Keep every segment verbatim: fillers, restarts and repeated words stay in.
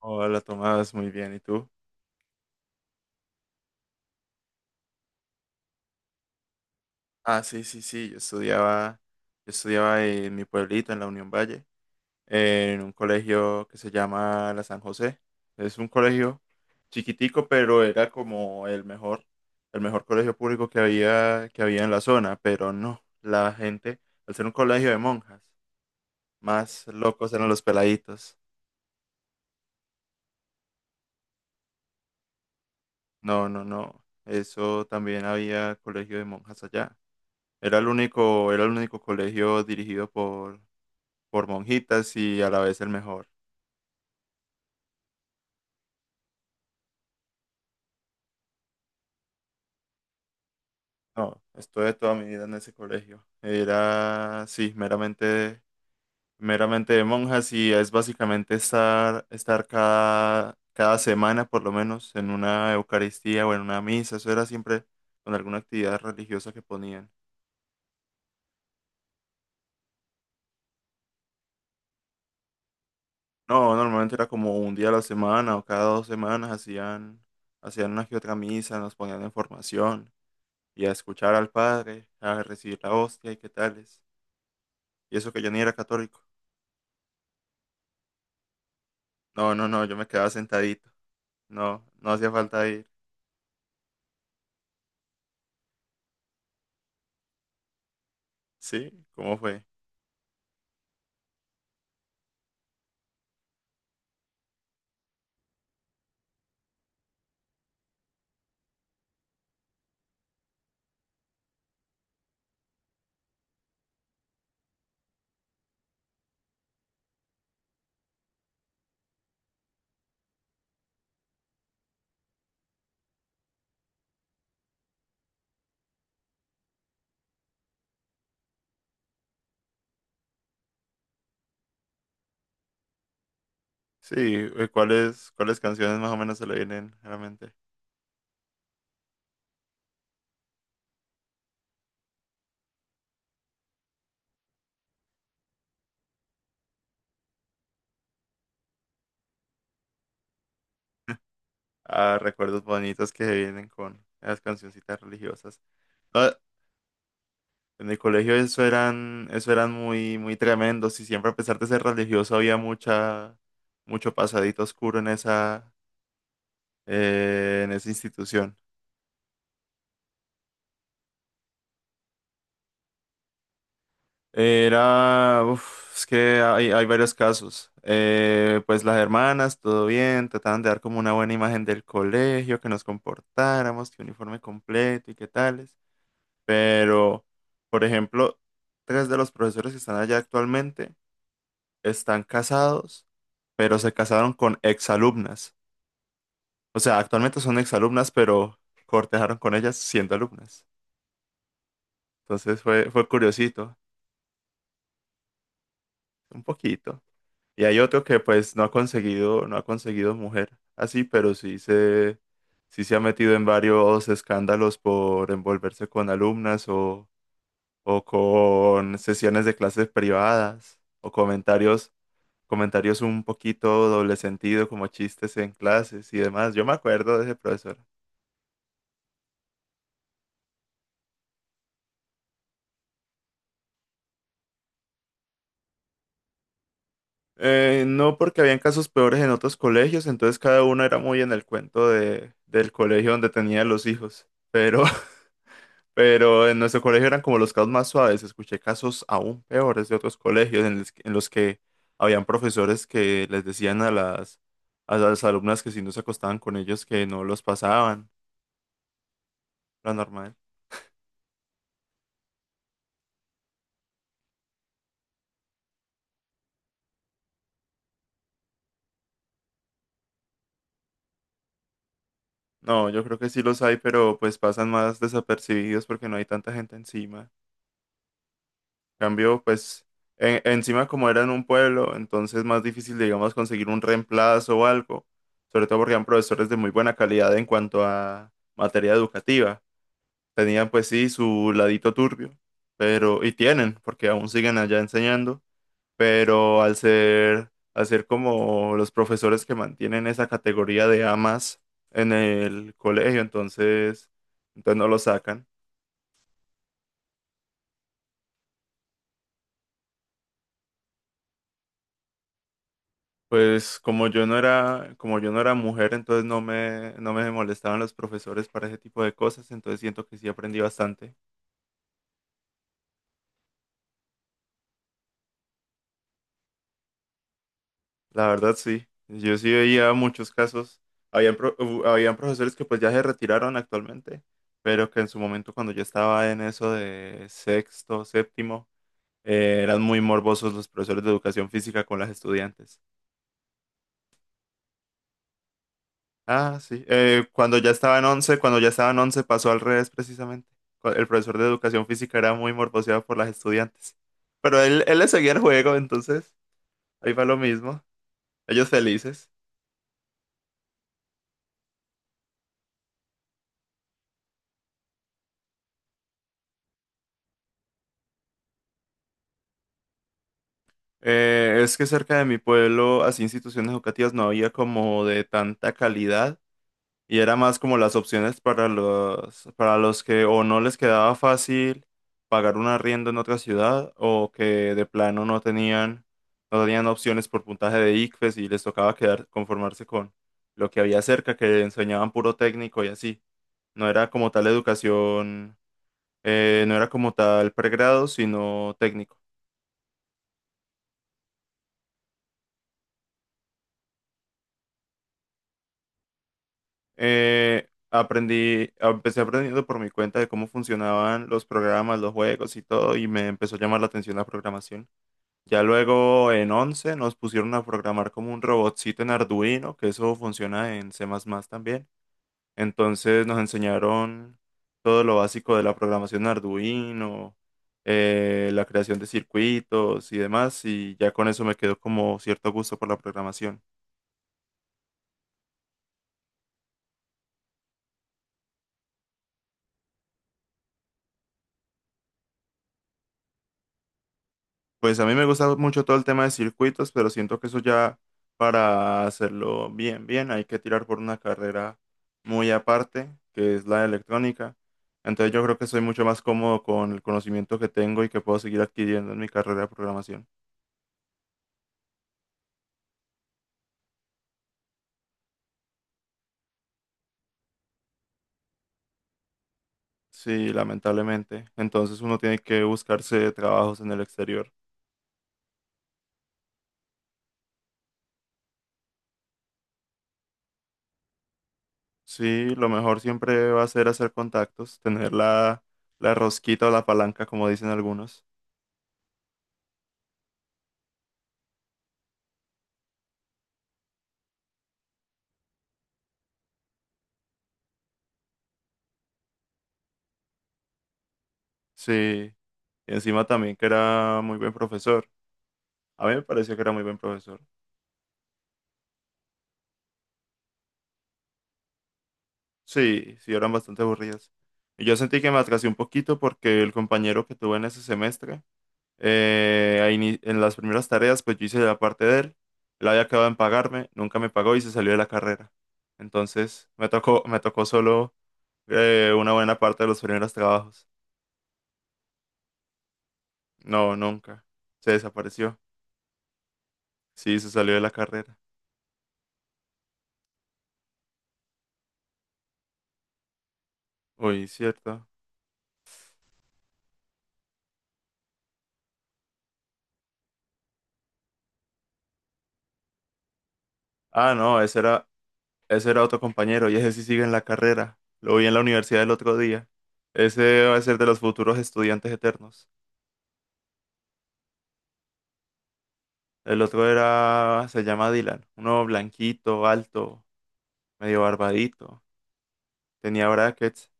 Hola, Tomás, muy bien, ¿y tú? Ah, sí, sí, sí, yo estudiaba, yo estudiaba en mi pueblito, en la Unión Valle, en un colegio que se llama La San José. Es un colegio chiquitico, pero era como el mejor, el mejor colegio público que había, que había en la zona, pero no, la gente, al ser un colegio de monjas, más locos eran los peladitos. No, no, no, eso también había colegio de monjas allá. Era el único, era el único colegio dirigido por por monjitas y a la vez el mejor. No, estuve toda mi vida en ese colegio. Era, sí, meramente, meramente de monjas y es básicamente estar, estar cada, cada semana por lo menos en una Eucaristía o en una misa. Eso era siempre con alguna actividad religiosa que ponían. No, normalmente era como un día a la semana o cada dos semanas hacían, hacían una que otra misa, nos ponían en formación y a escuchar al Padre, a recibir la hostia y qué tales. Y eso que yo ni era católico. No, no, no, yo me quedaba sentadito. No, no hacía falta ir. ¿Sí? ¿Cómo fue? Sí, eh, ¿cuáles, cuáles canciones más o menos se le vienen a la mente? Ah, recuerdos bonitos que se vienen con las cancioncitas religiosas. No, en el colegio eso eran, eso eran muy, muy tremendos y siempre a pesar de ser religioso había mucha, mucho pasadito oscuro en esa, eh, en esa institución. Era, uf, es que hay, hay varios casos. Eh, pues las hermanas, todo bien, trataban de dar como una buena imagen del colegio, que nos comportáramos, que uniforme completo y qué tales. Pero, por ejemplo, tres de los profesores que están allá actualmente están casados, pero se casaron con exalumnas. O sea, actualmente son exalumnas, pero cortejaron con ellas siendo alumnas. Entonces fue, fue curiosito, un poquito. Y hay otro que pues no ha conseguido, no ha conseguido mujer así, pero sí se, sí se ha metido en varios escándalos por envolverse con alumnas o, o con sesiones de clases privadas o comentarios, comentarios un poquito doble sentido como chistes en clases y demás. Yo me acuerdo de ese profesor. Eh, no porque habían casos peores en otros colegios, entonces cada uno era muy en el cuento de, del colegio donde tenía los hijos. Pero Pero en nuestro colegio eran como los casos más suaves. Escuché casos aún peores de otros colegios en los, que en los que habían profesores que les decían a las, a las alumnas que si no se acostaban con ellos que no los pasaban, lo normal. No, yo creo que sí los hay, pero pues pasan más desapercibidos porque no hay tanta gente encima. En cambio, pues en- encima como era en un pueblo, entonces más difícil, digamos, conseguir un reemplazo o algo. Sobre todo porque eran profesores de muy buena calidad en cuanto a materia educativa. Tenían pues sí su ladito turbio, pero, y tienen, porque aún siguen allá enseñando, pero al ser, al ser como los profesores que mantienen esa categoría de amas en el colegio, entonces, entonces no lo sacan. Pues como yo no era, como yo no era mujer, entonces no me, no me molestaban los profesores para ese tipo de cosas, entonces siento que sí aprendí bastante. La verdad sí, yo sí veía muchos casos, habían, pro- hu- habían profesores que pues ya se retiraron actualmente, pero que en su momento cuando yo estaba en eso de sexto, séptimo, eh, eran muy morbosos los profesores de educación física con las estudiantes. Ah, sí, eh, cuando ya estaba en once, cuando ya estaba en once pasó al revés precisamente. Cu- El profesor de educación física era muy morboseado por las estudiantes, pero él, él le seguía el juego, entonces ahí va lo mismo, ellos felices. Eh, es que cerca de mi pueblo, así instituciones educativas no había como de tanta calidad y era más como las opciones para los, para los que o no les quedaba fácil pagar un arriendo en otra ciudad o que de plano no tenían, no tenían opciones por puntaje de ICFES y les tocaba quedar, conformarse con lo que había cerca, que enseñaban puro técnico y así. No era como tal educación, eh, no era como tal pregrado, sino técnico. Eh, aprendí, empecé aprendiendo por mi cuenta de cómo funcionaban los programas, los juegos y todo, y me empezó a llamar la atención la programación. Ya luego en once nos pusieron a programar como un robotcito en Arduino, que eso funciona en C++ también. Entonces nos enseñaron todo lo básico de la programación en Arduino, eh, la creación de circuitos y demás, y ya con eso me quedó como cierto gusto por la programación. Pues a mí me gusta mucho todo el tema de circuitos, pero siento que eso ya para hacerlo bien, bien, hay que tirar por una carrera muy aparte, que es la de electrónica. Entonces yo creo que soy mucho más cómodo con el conocimiento que tengo y que puedo seguir adquiriendo en mi carrera de programación. Sí, lamentablemente. Entonces uno tiene que buscarse trabajos en el exterior. Sí, lo mejor siempre va a ser hacer contactos, tener la, la rosquita o la palanca, como dicen algunos. Sí, y encima también que era muy buen profesor. A mí me pareció que era muy buen profesor. Sí, sí, eran bastante aburridas. Y yo sentí que me atrasé un poquito porque el compañero que tuve en ese semestre, eh, a ini- en las primeras tareas, pues yo hice la parte de él, él había acabado en pagarme, nunca me pagó y se salió de la carrera. Entonces me tocó, me tocó solo eh, una buena parte de los primeros trabajos. No, nunca. Se desapareció. Sí, se salió de la carrera. Uy, cierto. Ah, no, ese era, Ese era otro compañero y ese sí sigue en la carrera. Lo vi en la universidad el otro día. Ese va a ser de los futuros estudiantes eternos. El otro era, se llama Dylan. Uno blanquito, alto, medio barbadito. Tenía brackets.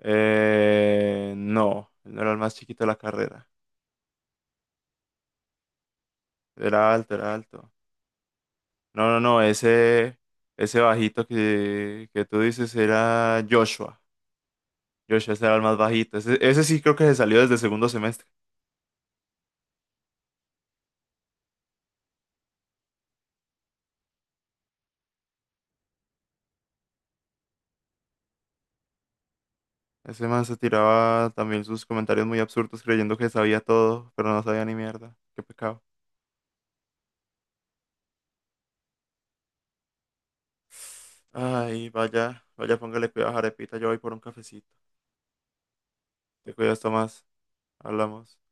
Eh, no, él no era el más chiquito de la carrera. Era alto, era alto. No, no, no, ese, ese bajito que, que tú dices era Joshua. Joshua, ese era el más bajito. Ese, ese sí creo que se salió desde segundo semestre. Ese man se tiraba también sus comentarios muy absurdos creyendo que sabía todo, pero no sabía ni mierda. Qué pecado. Ay, vaya, vaya, póngale cuidado a Jarepita, yo voy por un cafecito. Te cuidas, Tomás. Hablamos.